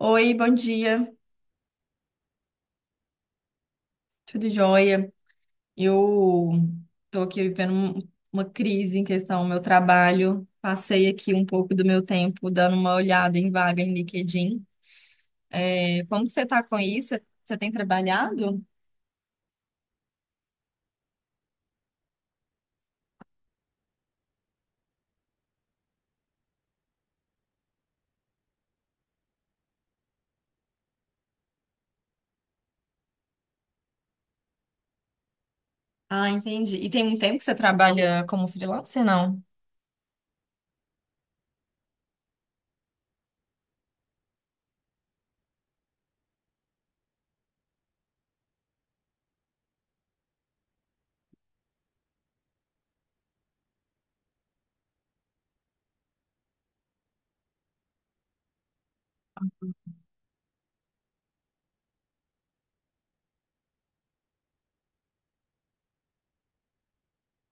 Oi, bom dia, tudo jóia? Eu tô aqui vivendo uma crise em questão ao meu trabalho. Passei aqui um pouco do meu tempo dando uma olhada em vaga em LinkedIn. É, como que você tá com isso? Você tem trabalhado? Ah, entendi. E tem um tempo que você trabalha como freelancer, não?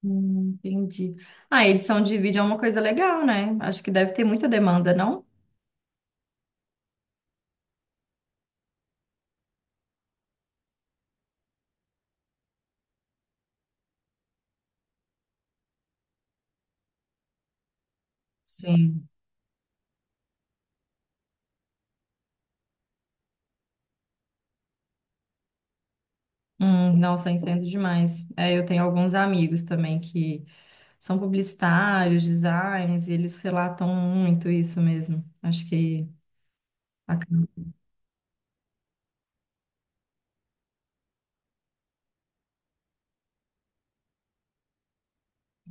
Entendi. Ah, edição de vídeo é uma coisa legal, né? Acho que deve ter muita demanda, não? Sim. Nossa, eu entendo demais. É, eu tenho alguns amigos também que são publicitários, designers, e eles relatam muito isso mesmo. Acho que acaba-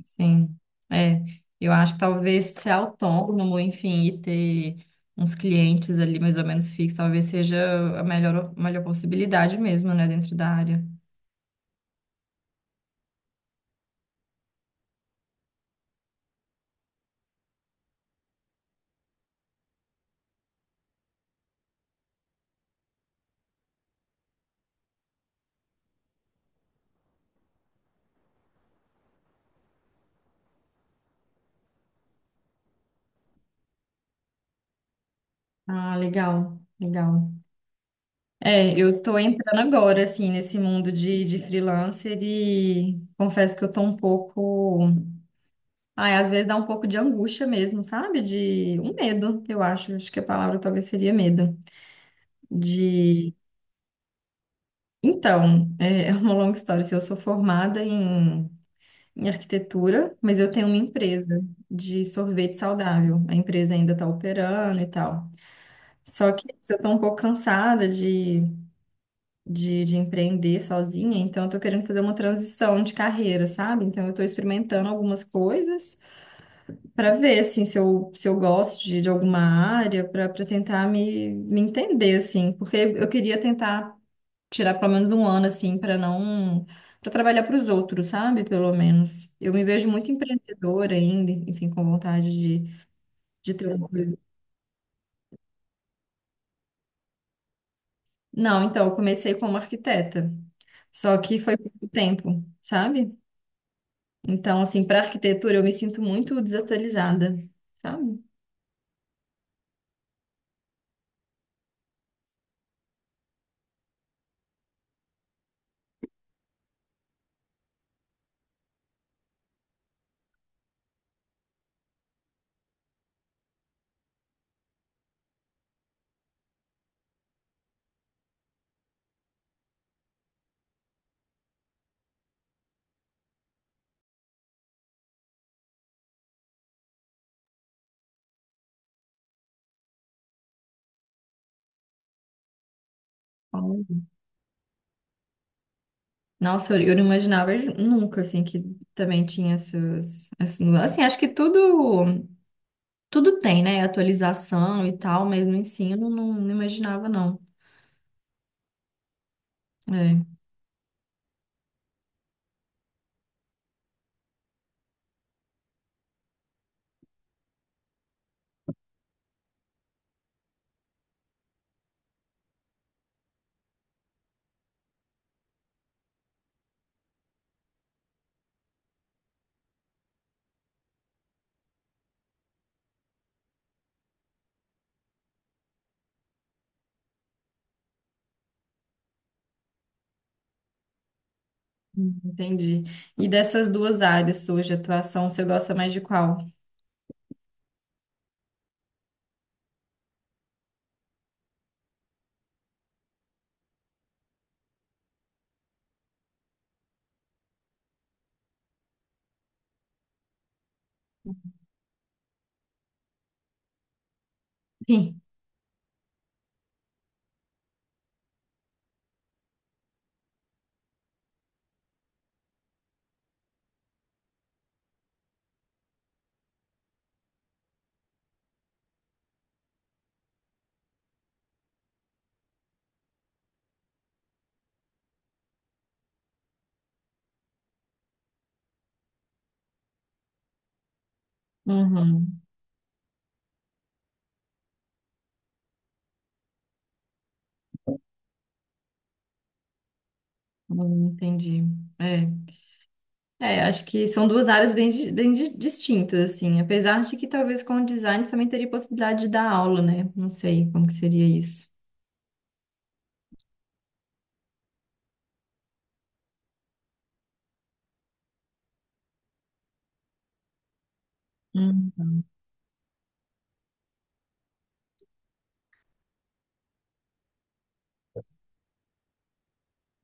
sim. É, eu acho que talvez ser autônomo, enfim, e ter uns clientes ali mais ou menos fixos, talvez seja a melhor possibilidade mesmo, né, dentro da área. Ah, legal, legal. É, eu tô entrando agora, assim, nesse mundo de freelancer e confesso que eu tô um pouco. Ai, às vezes dá um pouco de angústia mesmo, sabe? De um medo, eu acho. Acho que a palavra talvez seria medo. De. Então, é é uma longa história. Assim, eu sou formada em, em arquitetura, mas eu tenho uma empresa de sorvete saudável. A empresa ainda está operando e tal. Só que se eu estou um pouco cansada de empreender sozinha, então eu estou querendo fazer uma transição de carreira, sabe? Então eu estou experimentando algumas coisas para ver assim se eu gosto de alguma área, para tentar me entender assim, porque eu queria tentar tirar pelo menos um ano assim para não, para trabalhar para os outros, sabe? Pelo menos. Eu me vejo muito empreendedora ainda, enfim, com vontade de ter uma coisa. Não, então, eu comecei como arquiteta, só que foi pouco tempo, sabe? Então, assim, para arquitetura eu me sinto muito desatualizada, sabe? Nossa, eu não imaginava nunca, assim, que também tinha essas mudanças. Assim, acho que tudo tem, né? Atualização e tal, mas no ensino não, não imaginava, não. É, entendi. E dessas duas áreas suas de atuação, você gosta mais de qual? Sim. Uhum. Entendi. É. É, acho que são duas áreas bem, bem distintas, assim. Apesar de que talvez com o design você também teria possibilidade de dar aula, né? Não sei como que seria isso. Hum.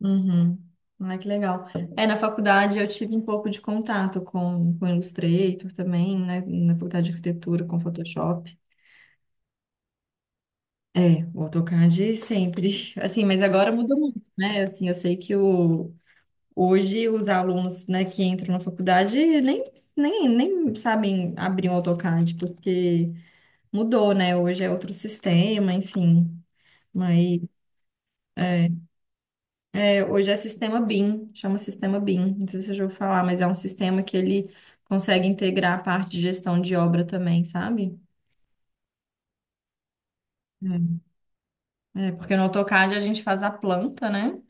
Uhum. Ah, que legal. É, na faculdade eu tive um pouco de contato com Illustrator também, né? Na faculdade de arquitetura, com Photoshop. É, o AutoCAD sempre. Assim, mas agora mudou muito, né? Assim, eu sei que o, hoje os alunos, né, que entram na faculdade nem, nem, nem sabem abrir um AutoCAD, porque mudou, né? Hoje é outro sistema, enfim, mas hoje é sistema BIM, chama sistema BIM. Não sei se eu já vou falar, mas é um sistema que ele consegue integrar a parte de gestão de obra também, sabe? É, É, porque no AutoCAD a gente faz a planta, né?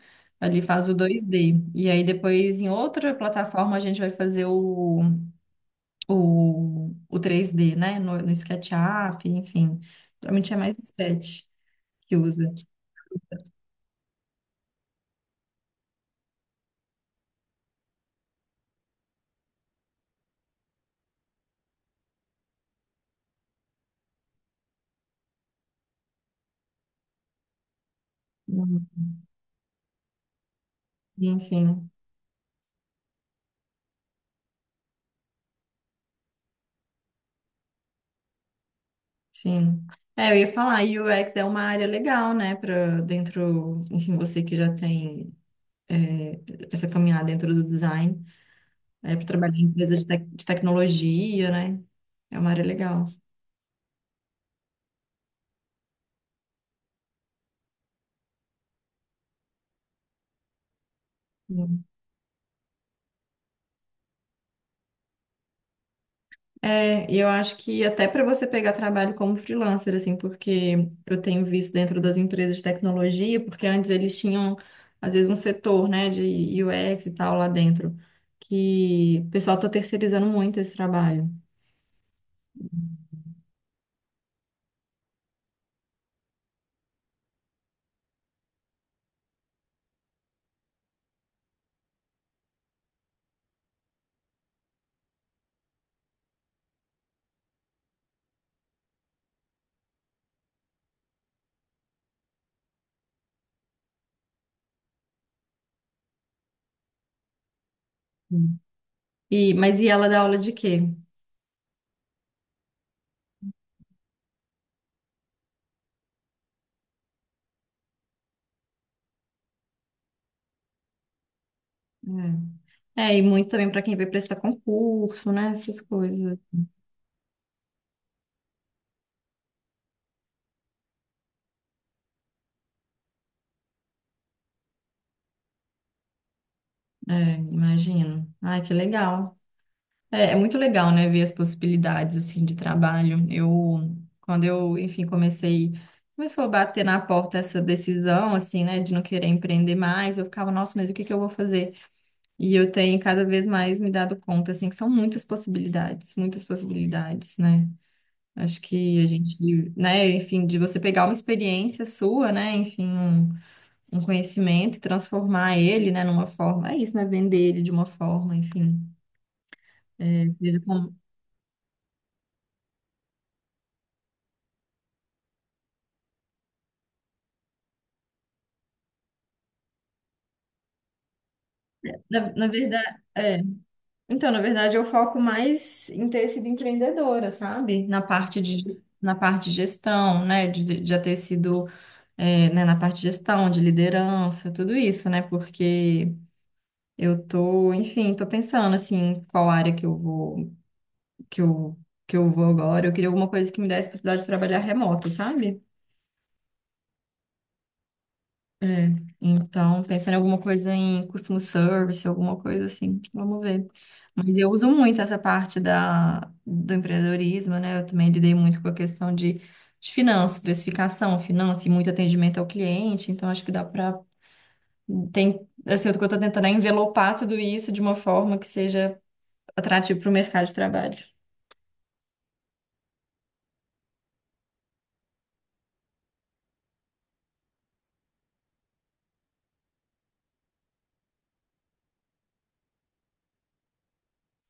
Ali faz o 2D. E aí depois em outra plataforma a gente vai fazer o 3D, né? No SketchUp, enfim. Geralmente é mais Sketch que usa. Uhum. Enfim. Sim. É, eu ia falar, UX é uma área legal, né, para dentro, enfim, você que já tem essa caminhada dentro do design, é, para trabalhar em empresa de, de tecnologia, né? É uma área legal. Sim. É, e eu acho que até para você pegar trabalho como freelancer, assim, porque eu tenho visto dentro das empresas de tecnologia, porque antes eles tinham, às vezes, um setor, né, de UX e tal lá dentro, que o pessoal está terceirizando muito esse trabalho. Sim. E, mas e ela dá aula de quê? É, é, e muito também para quem vai prestar concurso, né? Essas coisas. É, imagino. Ai, que legal. É, é muito legal, né? Ver as possibilidades, assim, de trabalho. Eu, quando eu, enfim, comecei, começou a bater na porta essa decisão, assim, né? De não querer empreender mais. Eu ficava, nossa, mas o que que eu vou fazer? E eu tenho cada vez mais me dado conta, assim, que são muitas possibilidades, né? Acho que a gente, né? Enfim, de você pegar uma experiência sua, né? Enfim, um um conhecimento e transformar ele, né, numa forma, é isso, né, vender ele de uma forma, enfim, é, veja como- na verdade, é, então, na verdade, eu foco mais em ter sido empreendedora, sabe, na parte de gestão, né, de já ter sido, é, né, na parte de gestão, de liderança, tudo isso, né, porque eu tô, enfim, tô pensando, assim, qual área que eu vou, que eu, que eu vou agora, eu queria alguma coisa que me desse possibilidade de trabalhar remoto, sabe? É, então, pensando em alguma coisa em customer service, alguma coisa assim, vamos ver. Mas eu uso muito essa parte da, do empreendedorismo, né? Eu também lidei muito com a questão de finanças, precificação, finanças e muito atendimento ao cliente, então acho que dá para. Tem, assim, o que eu estou tentando é envelopar tudo isso de uma forma que seja atrativo para o mercado de trabalho.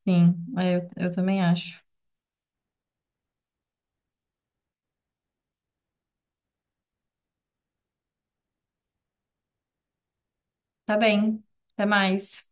Sim, é, eu também acho. Tá bem, até mais.